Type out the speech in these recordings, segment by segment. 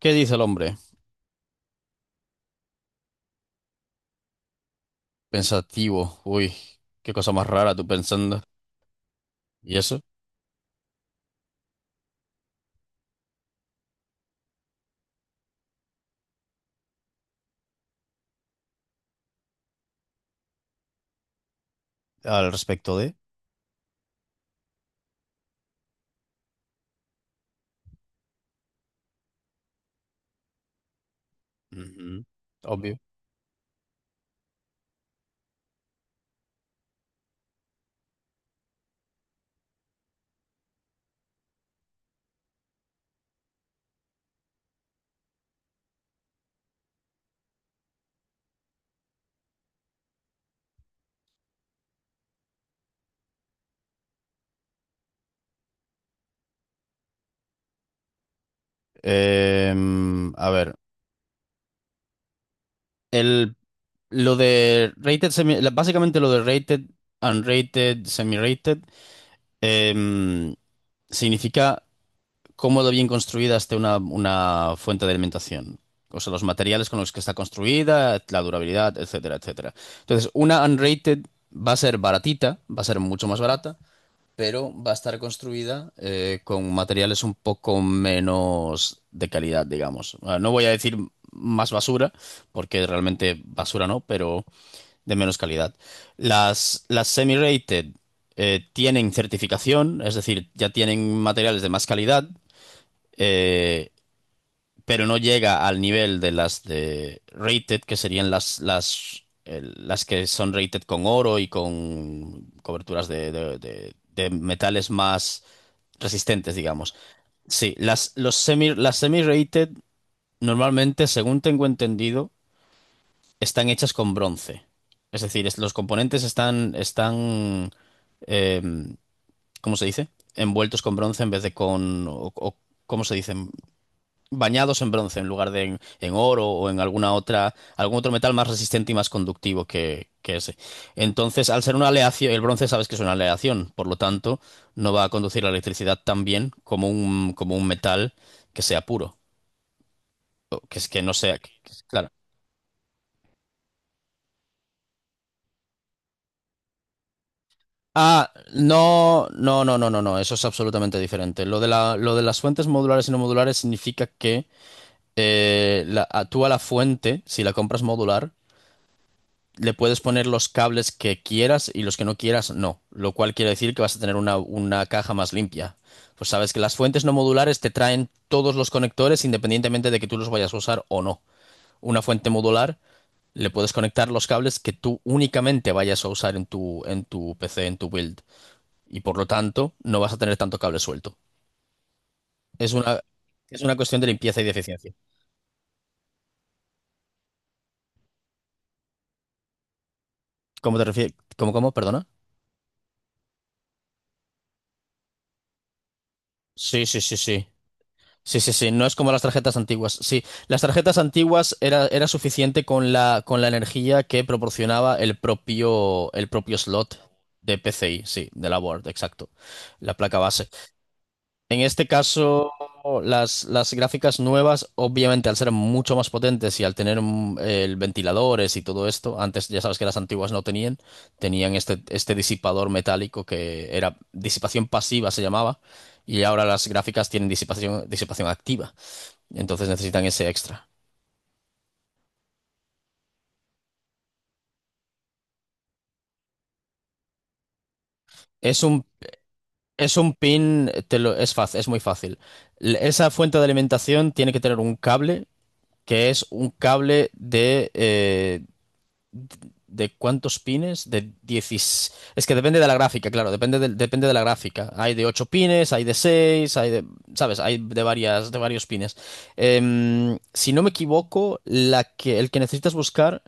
¿Qué dice el hombre? Pensativo. Uy, qué cosa más rara tú pensando. ¿Y eso? Al respecto de... Ujú, Obvio. A ver, el, lo de rated, básicamente lo de rated, unrated, semi-rated, em, significa cómo de bien construida esté una fuente de alimentación. O sea, los materiales con los que está construida, la durabilidad, etcétera, etcétera. Entonces, una unrated va a ser baratita, va a ser mucho más barata, pero va a estar construida con materiales un poco menos de calidad, digamos. Ah, no voy a decir más basura, porque realmente basura no, pero de menos calidad. Las semi-rated tienen certificación, es decir, ya tienen materiales de más calidad. eh, pero no llega al nivel de las de rated, que serían las que son rated con oro y con coberturas de metales más resistentes, digamos. Sí, las semi-rated normalmente, según tengo entendido, están hechas con bronce. Es decir, los componentes están em, ¿cómo se dice? Envueltos con bronce en vez de con... ¿cómo se dice? Bañados en bronce en lugar de en oro o en algún otro metal más resistente y más conductivo que ese. Entonces, al ser una aleación, el bronce sabes que es una aleación, por lo tanto, no va a conducir la electricidad tan bien como como un metal que sea puro, o que es que no sea, claro. Ah, no, eso es absolutamente diferente. Lo de lo de las fuentes modulares y no modulares significa que tú a la fuente, si la compras modular, le puedes poner los cables que quieras y los que no quieras no, lo cual quiere decir que vas a tener una caja más limpia. Pues sabes que las fuentes no modulares te traen todos los conectores independientemente de que tú los vayas a usar o no. Una fuente modular le puedes conectar los cables que tú únicamente vayas a usar en tu PC, en tu build, y por lo tanto no vas a tener tanto cable suelto. Es una, es una cuestión de limpieza y de eficiencia. ¿Cómo te refieres? ¿Cómo, cómo? Perdona. Sí, sí, sí, sí. Sí, sí, sí, no es como las tarjetas antiguas. Sí, las tarjetas antiguas era suficiente con con la energía que proporcionaba el propio slot de PCI, sí, de la board, exacto, la placa base. En este caso, las gráficas nuevas, obviamente, al ser mucho más potentes y al tener el ventiladores y todo esto, antes ya sabes que las antiguas no tenían, tenían este disipador metálico que era disipación pasiva, se llamaba, y ahora las gráficas tienen disipación activa. Entonces necesitan ese extra. Es un, es un pin, es fácil, es muy fácil. L- Esa fuente de alimentación tiene que tener un cable, que es un cable de... ¿De cuántos pines? De 16. Es que depende de la gráfica, claro, depende de la gráfica. Hay de 8 pines, hay de 6 hay de, ¿sabes? Hay de varias, de varios pines. Em, si no me equivoco, el que necesitas buscar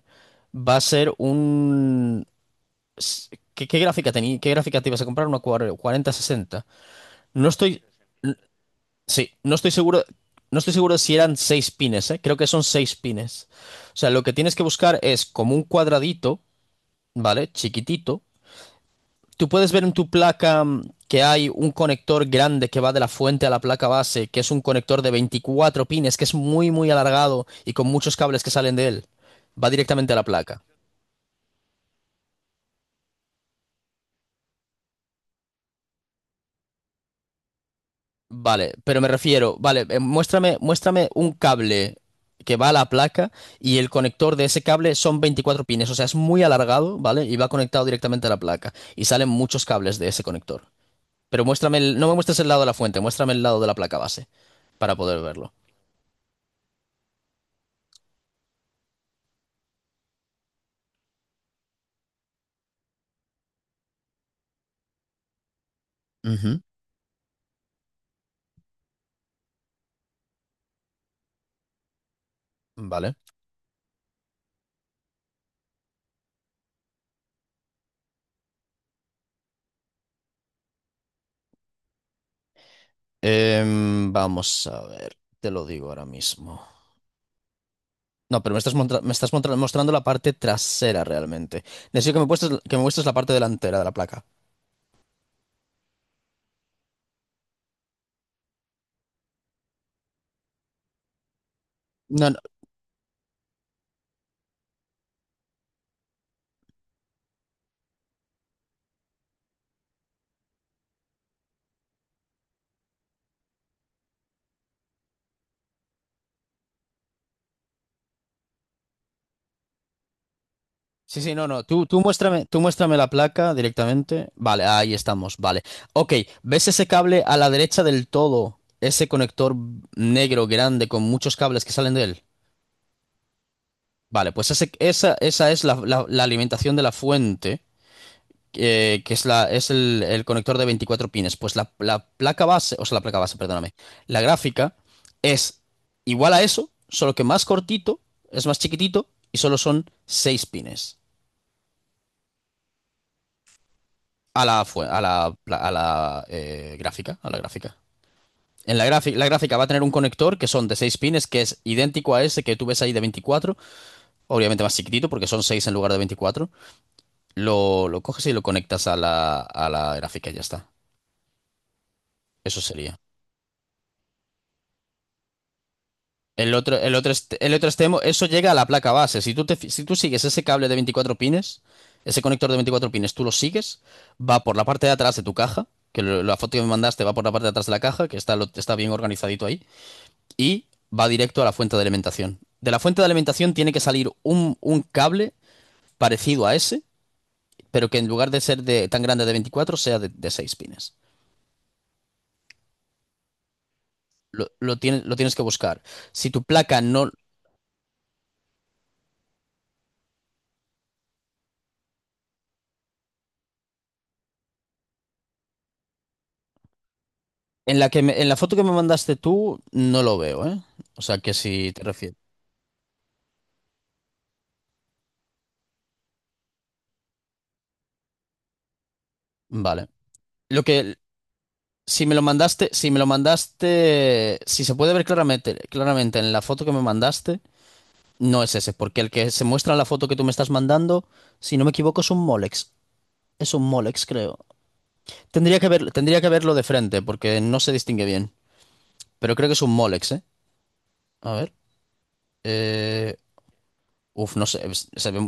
va a ser un s- ¿Qué, qué gráfica te ibas a comprar? Una 4060. No estoy, sí, no estoy seguro, no estoy seguro de si eran seis pines, ¿eh? Creo que son seis pines. O sea, lo que tienes que buscar es como un cuadradito, ¿vale? Chiquitito. Tú puedes ver en tu placa que hay un conector grande que va de la fuente a la placa base, que es un conector de 24 pines, que es muy, muy alargado y con muchos cables que salen de él. Va directamente a la placa. Vale, pero me refiero, vale, muéstrame, muéstrame un cable que va a la placa y el conector de ese cable son 24 pines, o sea, es muy alargado, ¿vale? Y va conectado directamente a la placa y salen muchos cables de ese conector. Pero muéstrame el- no me muestres el lado de la fuente, muéstrame el lado de la placa base para poder verlo. Ujú. ¿Vale? Vamos a ver, te lo digo ahora mismo. No, pero me estás, mostrando la parte trasera realmente. Necesito que me muestres la parte delantera de la placa. No, sí, sí, no, no. Tú muéstrame, tú muéstrame la placa directamente. Vale, ahí estamos, vale. Ok, ¿ves ese cable a la derecha del todo? Ese conector negro grande con muchos cables que salen de él. Vale, pues esa es la alimentación de la fuente, que es, es el conector de 24 pines. Pues la placa base, o sea, la placa base, perdóname. La gráfica es igual a eso, solo que más cortito, es más chiquitito y solo son 6 pines. A la, gráfica, a la gráfica. En la gráfica va a tener un conector que son de 6 pines, que es idéntico a ese que tú ves ahí de veinticuatro, obviamente más chiquitito porque son 6 en lugar de veinticuatro. Lo coges y lo conectas a a la gráfica y ya está. Eso sería. El otro extremo, eso llega a la placa base. Si tú si tú sigues ese cable de 24 pines, ese conector de 24 pines, tú lo sigues, va por la parte de atrás de tu caja, que la foto que me mandaste va por la parte de atrás de la caja, que está, lo- está bien organizadito ahí. Y va directo a la fuente de alimentación. De la fuente de alimentación tiene que salir un cable parecido a ese, pero que en lugar de ser de, tan grande de 24 sea de 6 pines. Lo tienes que buscar. Si tu placa no... En la en la foto que me mandaste tú, no lo veo, ¿eh? O sea que si te refieres... Vale. Lo que... Si me lo mandaste, si me lo mandaste, si se puede ver claramente, claramente en la foto que me mandaste, no es ese, porque el que se muestra en la foto que tú me estás mandando, si no me equivoco, es un Molex. Es un Molex, creo. Tendría que ver, tendría que verlo de frente porque no se distingue bien. Pero creo que es un Molex, ¿eh? A ver. Eh, uf, no se, se ve,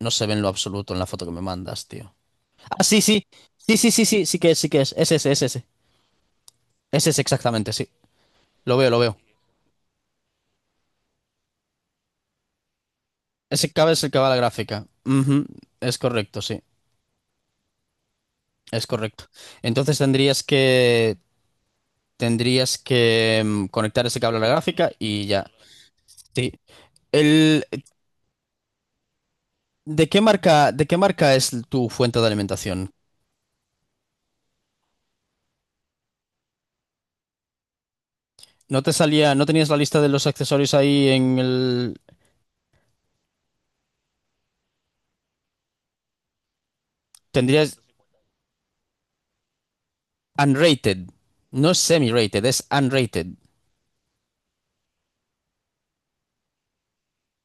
no se ve en lo absoluto en la foto que me mandas, tío. Ah, sí, sí. Sí, sí, sí, sí, sí que es, sí que es. Es ese, es ese. Es ese exactamente, sí. Lo veo, lo veo. Ese cabe es el que va a la gráfica. Ujú, es correcto, sí. Es correcto. Entonces tendrías que. Tendrías que conectar ese cable a la gráfica y ya. Sí. El, ¿de qué marca, de qué marca es tu fuente de alimentación? ¿No te salía, no tenías la lista de los accesorios ahí en el... Tendrías unrated. No es semi-rated, es unrated.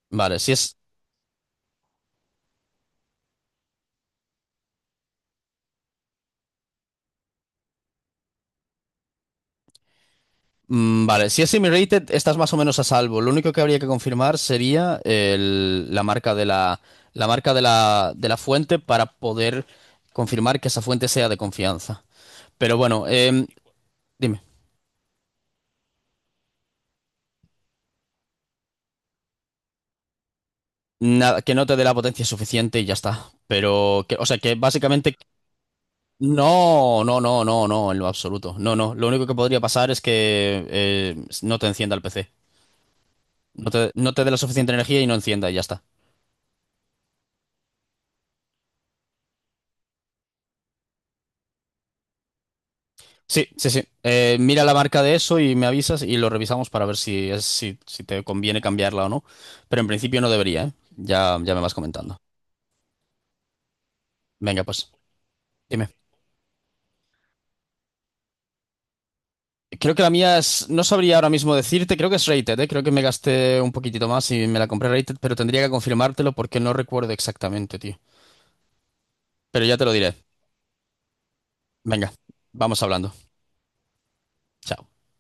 Vale, si es... mm, vale, si es semi-rated, estás más o menos a salvo. Lo único que habría que confirmar sería la marca de la marca de de la fuente para poder confirmar que esa fuente sea de confianza. Pero bueno, em, dime. Nada, que no te dé la potencia suficiente y ya está. Pero, que, o sea, que básicamente no, en lo absoluto. No, no. Lo único que podría pasar es que no te encienda el PC. No te dé la suficiente energía y no encienda y ya está. Sí, sí, sí. Mira la marca de eso y me avisas y lo revisamos para ver si es, si, si te conviene cambiarla o no. Pero en principio no debería, ¿eh? Ya, ya me vas comentando. Venga, pues, dime. Creo que la mía es, no sabría ahora mismo decirte, creo que es rated, ¿eh? Creo que me gasté un poquitito más y me la compré rated, pero tendría que confirmártelo porque no recuerdo exactamente, tío. Pero ya te lo diré. Venga, vamos hablando. Chao.